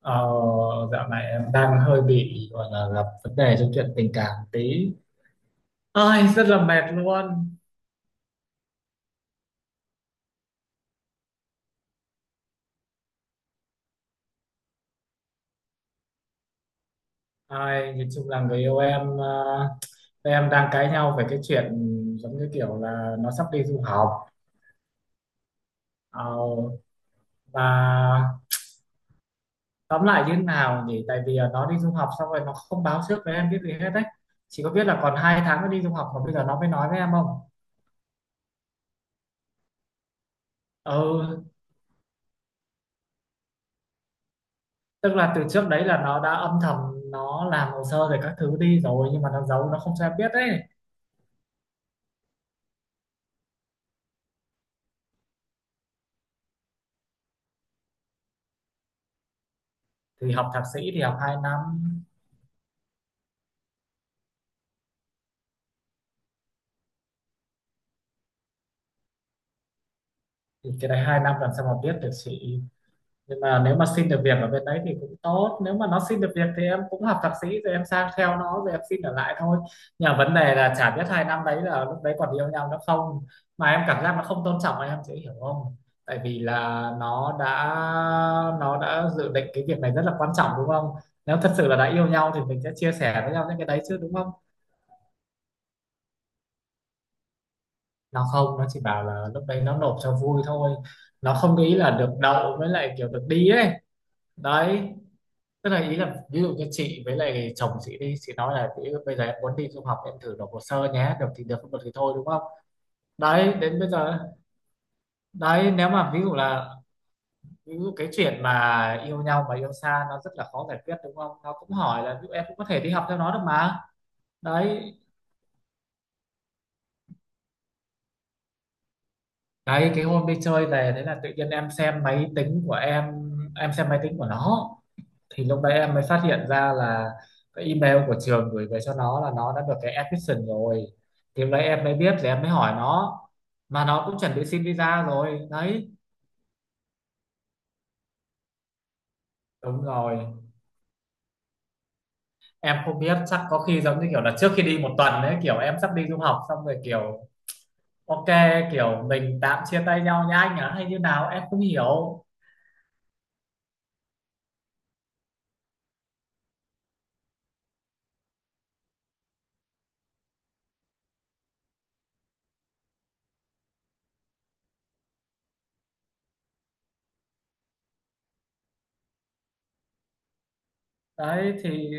Ờ, dạo này em đang hơi bị gọi là gặp vấn đề trong chuyện tình cảm tí, ơi rất là mệt luôn. Ai nhìn chung là người yêu em, tụi em đang cãi nhau về cái chuyện giống như kiểu là nó sắp đi du học. Ờ, và tóm lại như thế nào nhỉ, tại vì là nó đi du học xong rồi nó không báo trước với em biết gì hết đấy, chỉ có biết là còn 2 tháng nó đi du học mà bây giờ nó mới nói với em không. Ừ, tức là từ trước đấy là nó đã âm thầm, nó làm hồ sơ rồi các thứ đi rồi, nhưng mà nó giấu, nó không cho em biết đấy. Thì học thạc sĩ thì học 2 năm. Thì cái đấy 2 năm làm sao mà biết được chị, nhưng mà nếu mà xin được việc ở bên đấy thì cũng tốt. Nếu mà nó xin được việc thì em cũng học thạc sĩ rồi em sang theo nó rồi em xin ở lại thôi. Nhưng mà vấn đề là chả biết 2 năm đấy là lúc đấy còn yêu nhau nữa không, mà em cảm giác nó không tôn trọng em, chị hiểu không? Tại vì là nó đã nó đã dự định cái việc này rất là quan trọng đúng không? Nếu thật sự là đã yêu nhau thì mình sẽ chia sẻ với nhau những cái đấy chứ, đúng không? Nó không. Nó chỉ bảo là lúc đấy nó nộp cho vui thôi, nó không nghĩ là được đậu với lại kiểu được đi ấy. Đấy, tức là ý là ví dụ như chị với lại chồng chị đi, chị nói là chị bây giờ em muốn đi du học, em thử nộp hồ sơ nhé, được thì được không được thì thôi, đúng không? Đấy đến bây giờ. Đấy nếu mà ví dụ cái chuyện mà yêu nhau mà yêu xa nó rất là khó giải quyết đúng không, nó cũng hỏi là ví dụ em cũng có thể đi học theo nó được mà. Đấy đấy cái hôm đi chơi về thế là tự nhiên em xem máy tính của em xem máy tính của nó. Thì lúc đấy em mới phát hiện ra là cái email của trường gửi về cho nó là nó đã được cái admission rồi. Thì lúc đấy em mới biết, thì em mới hỏi nó, mà nó cũng chuẩn bị xin visa rồi đấy. Đúng rồi, em không biết, chắc có khi giống như kiểu là trước khi đi một tuần đấy, kiểu em sắp đi du học xong rồi, kiểu ok, kiểu mình tạm chia tay nhau nha anh ạ hay như nào em không hiểu. Đấy thì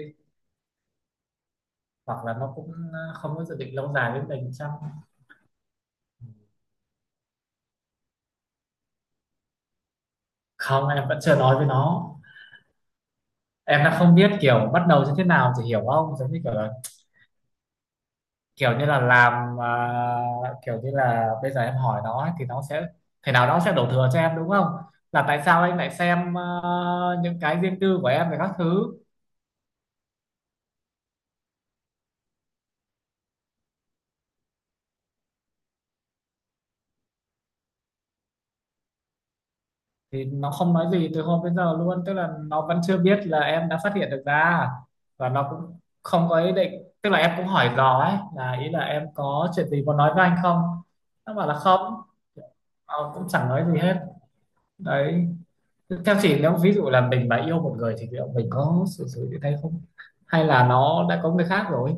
hoặc là nó cũng không có dự định lâu dài với mình chăng. Không, em vẫn chưa nói với nó. Em đang không biết kiểu bắt đầu như thế nào thì hiểu không, giống như kiểu là, kiểu như là làm à, kiểu như là bây giờ em hỏi nó ấy, thì nó sẽ thế nào đó sẽ đổ thừa cho em đúng không, là tại sao anh lại xem à, những cái riêng tư của em về các thứ. Thì nó không nói gì từ hôm đến giờ luôn, tức là nó vẫn chưa biết là em đã phát hiện được ra, và nó cũng không có ý định, tức là em cũng hỏi dò ấy, là ý là em có chuyện gì muốn nói với anh không, nó bảo là không, nó cũng chẳng nói gì hết đấy. Theo chị, nếu ví dụ là mình mà yêu một người thì liệu mình có xử sự như thế không? Hay là nó đã có người khác rồi?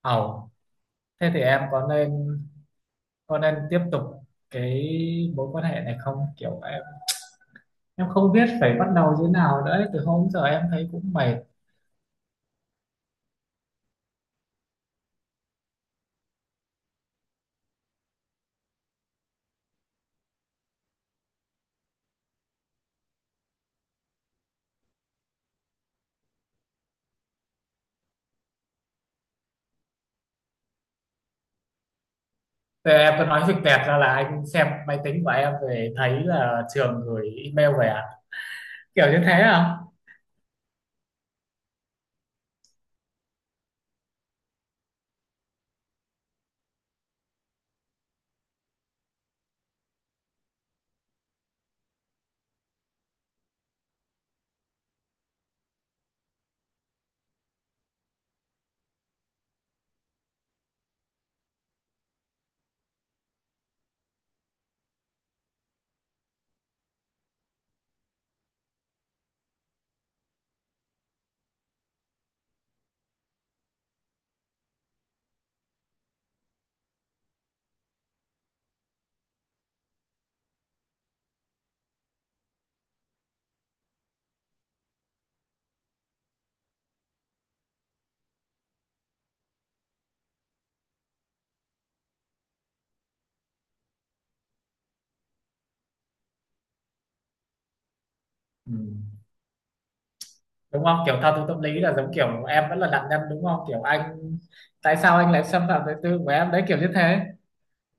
Ồ, thế thì em có nên tiếp tục cái mối quan hệ này không? Kiểu em không biết phải bắt đầu như thế nào nữa. Từ hôm giờ em thấy cũng mệt. Thế em cứ nói việc tẹt ra là anh xem máy tính của em về thấy là trường gửi email về à? Kiểu như thế à? Ừ. Đúng không? Kiểu thao túng tâm lý là giống kiểu em vẫn là nạn nhân đúng không? Kiểu anh tại sao anh lại xâm phạm đời tư của em đấy kiểu như thế.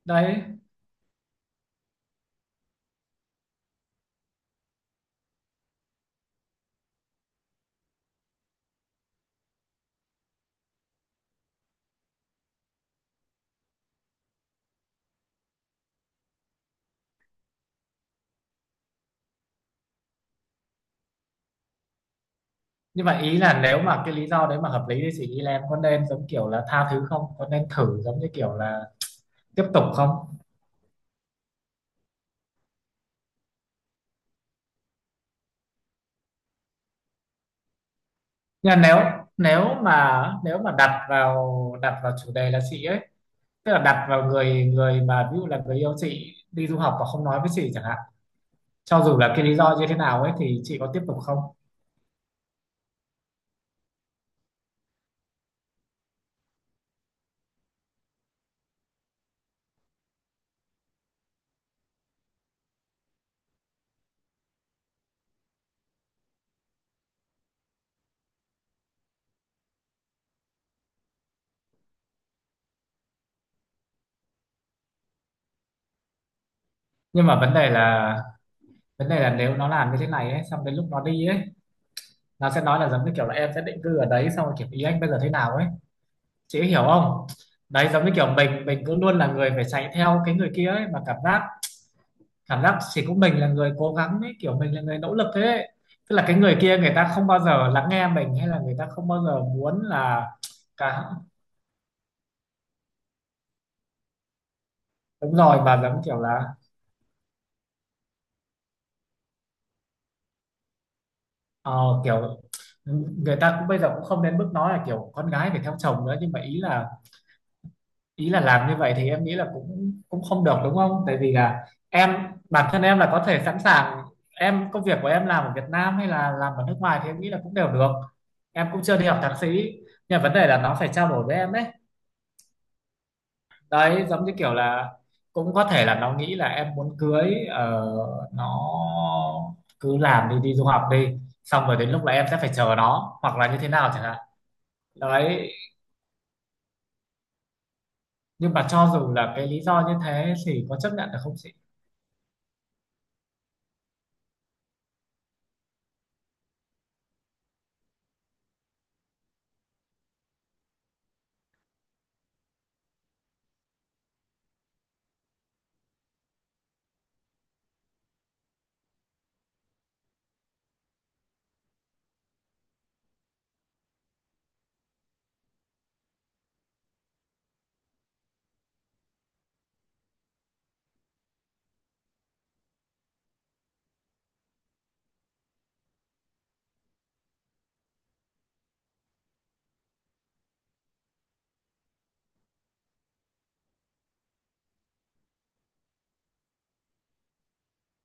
Đấy nhưng mà ý là nếu mà cái lý do đấy mà hợp lý thì chị nghĩ là em có nên giống kiểu là tha thứ không, có nên thử giống như kiểu là tiếp tục không? Nhưng mà nếu nếu mà đặt vào chủ đề là chị ấy, tức là đặt vào người người mà ví dụ là người yêu chị đi du học và không nói với chị chẳng hạn, cho dù là cái lý do như thế nào ấy thì chị có tiếp tục không? Nhưng mà vấn đề là nếu nó làm như thế này ấy xong đến lúc nó đi ấy, nó sẽ nói là giống như kiểu là em sẽ định cư ở đấy xong rồi kiểu, ý anh bây giờ thế nào ấy, chị hiểu không? Đấy giống như kiểu mình cứ luôn là người phải chạy theo cái người kia ấy, mà cảm giác chỉ có mình là người cố gắng ấy, kiểu mình là người nỗ lực thế ấy. Tức là cái người kia người ta không bao giờ lắng nghe mình, hay là người ta không bao giờ muốn là cả. Đúng rồi, mà giống kiểu là ờ, kiểu người ta cũng bây giờ cũng không đến mức nói là kiểu con gái phải theo chồng nữa, nhưng mà ý là làm như vậy thì em nghĩ là cũng cũng không được đúng không? Tại vì là em, bản thân em là có thể sẵn sàng. Em công việc của em làm ở Việt Nam hay là làm ở nước ngoài thì em nghĩ là cũng đều được. Em cũng chưa đi học thạc sĩ, nhưng mà vấn đề là nó phải trao đổi với em đấy. Đấy giống như kiểu là cũng có thể là nó nghĩ là em muốn cưới, nó cứ làm đi, đi du học đi, xong rồi đến lúc là em sẽ phải chờ nó hoặc là như thế nào chẳng hạn. Đấy nhưng mà cho dù là cái lý do như thế thì có chấp nhận được không?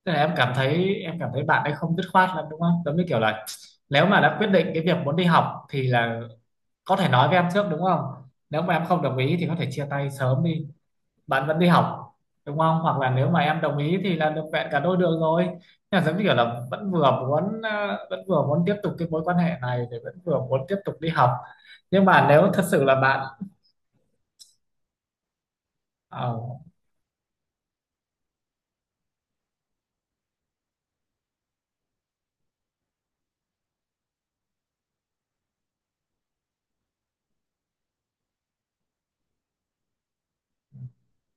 Tức là em cảm thấy bạn ấy không dứt khoát lắm đúng không? Giống như kiểu là nếu mà đã quyết định cái việc muốn đi học thì là có thể nói với em trước đúng không? Nếu mà em không đồng ý thì có thể chia tay sớm đi, bạn vẫn đi học đúng không? Hoặc là nếu mà em đồng ý thì là được vẹn cả đôi đường rồi. Nhưng mà giống như kiểu là vẫn vừa muốn tiếp tục cái mối quan hệ này thì vẫn vừa muốn tiếp tục đi học. Nhưng mà nếu thật sự là bạn ờ,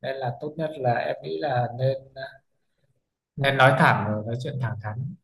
nên là tốt nhất là em nghĩ là nên nói thẳng rồi nói chuyện thẳng thắn.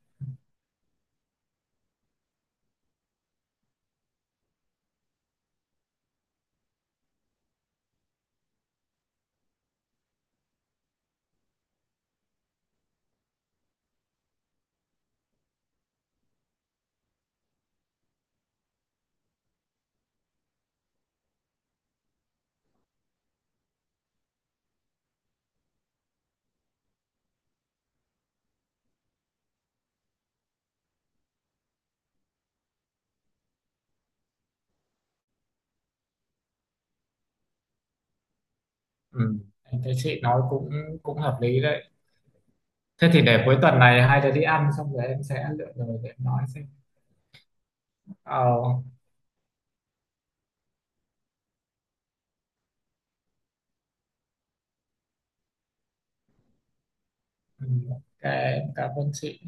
Ừ, em thấy chị nói cũng cũng hợp lý đấy. Thế thì để cuối tuần này hai đứa đi ăn xong rồi em sẽ lựa lời để em nói xem. Ờ, ừ, ok, em cảm ơn chị.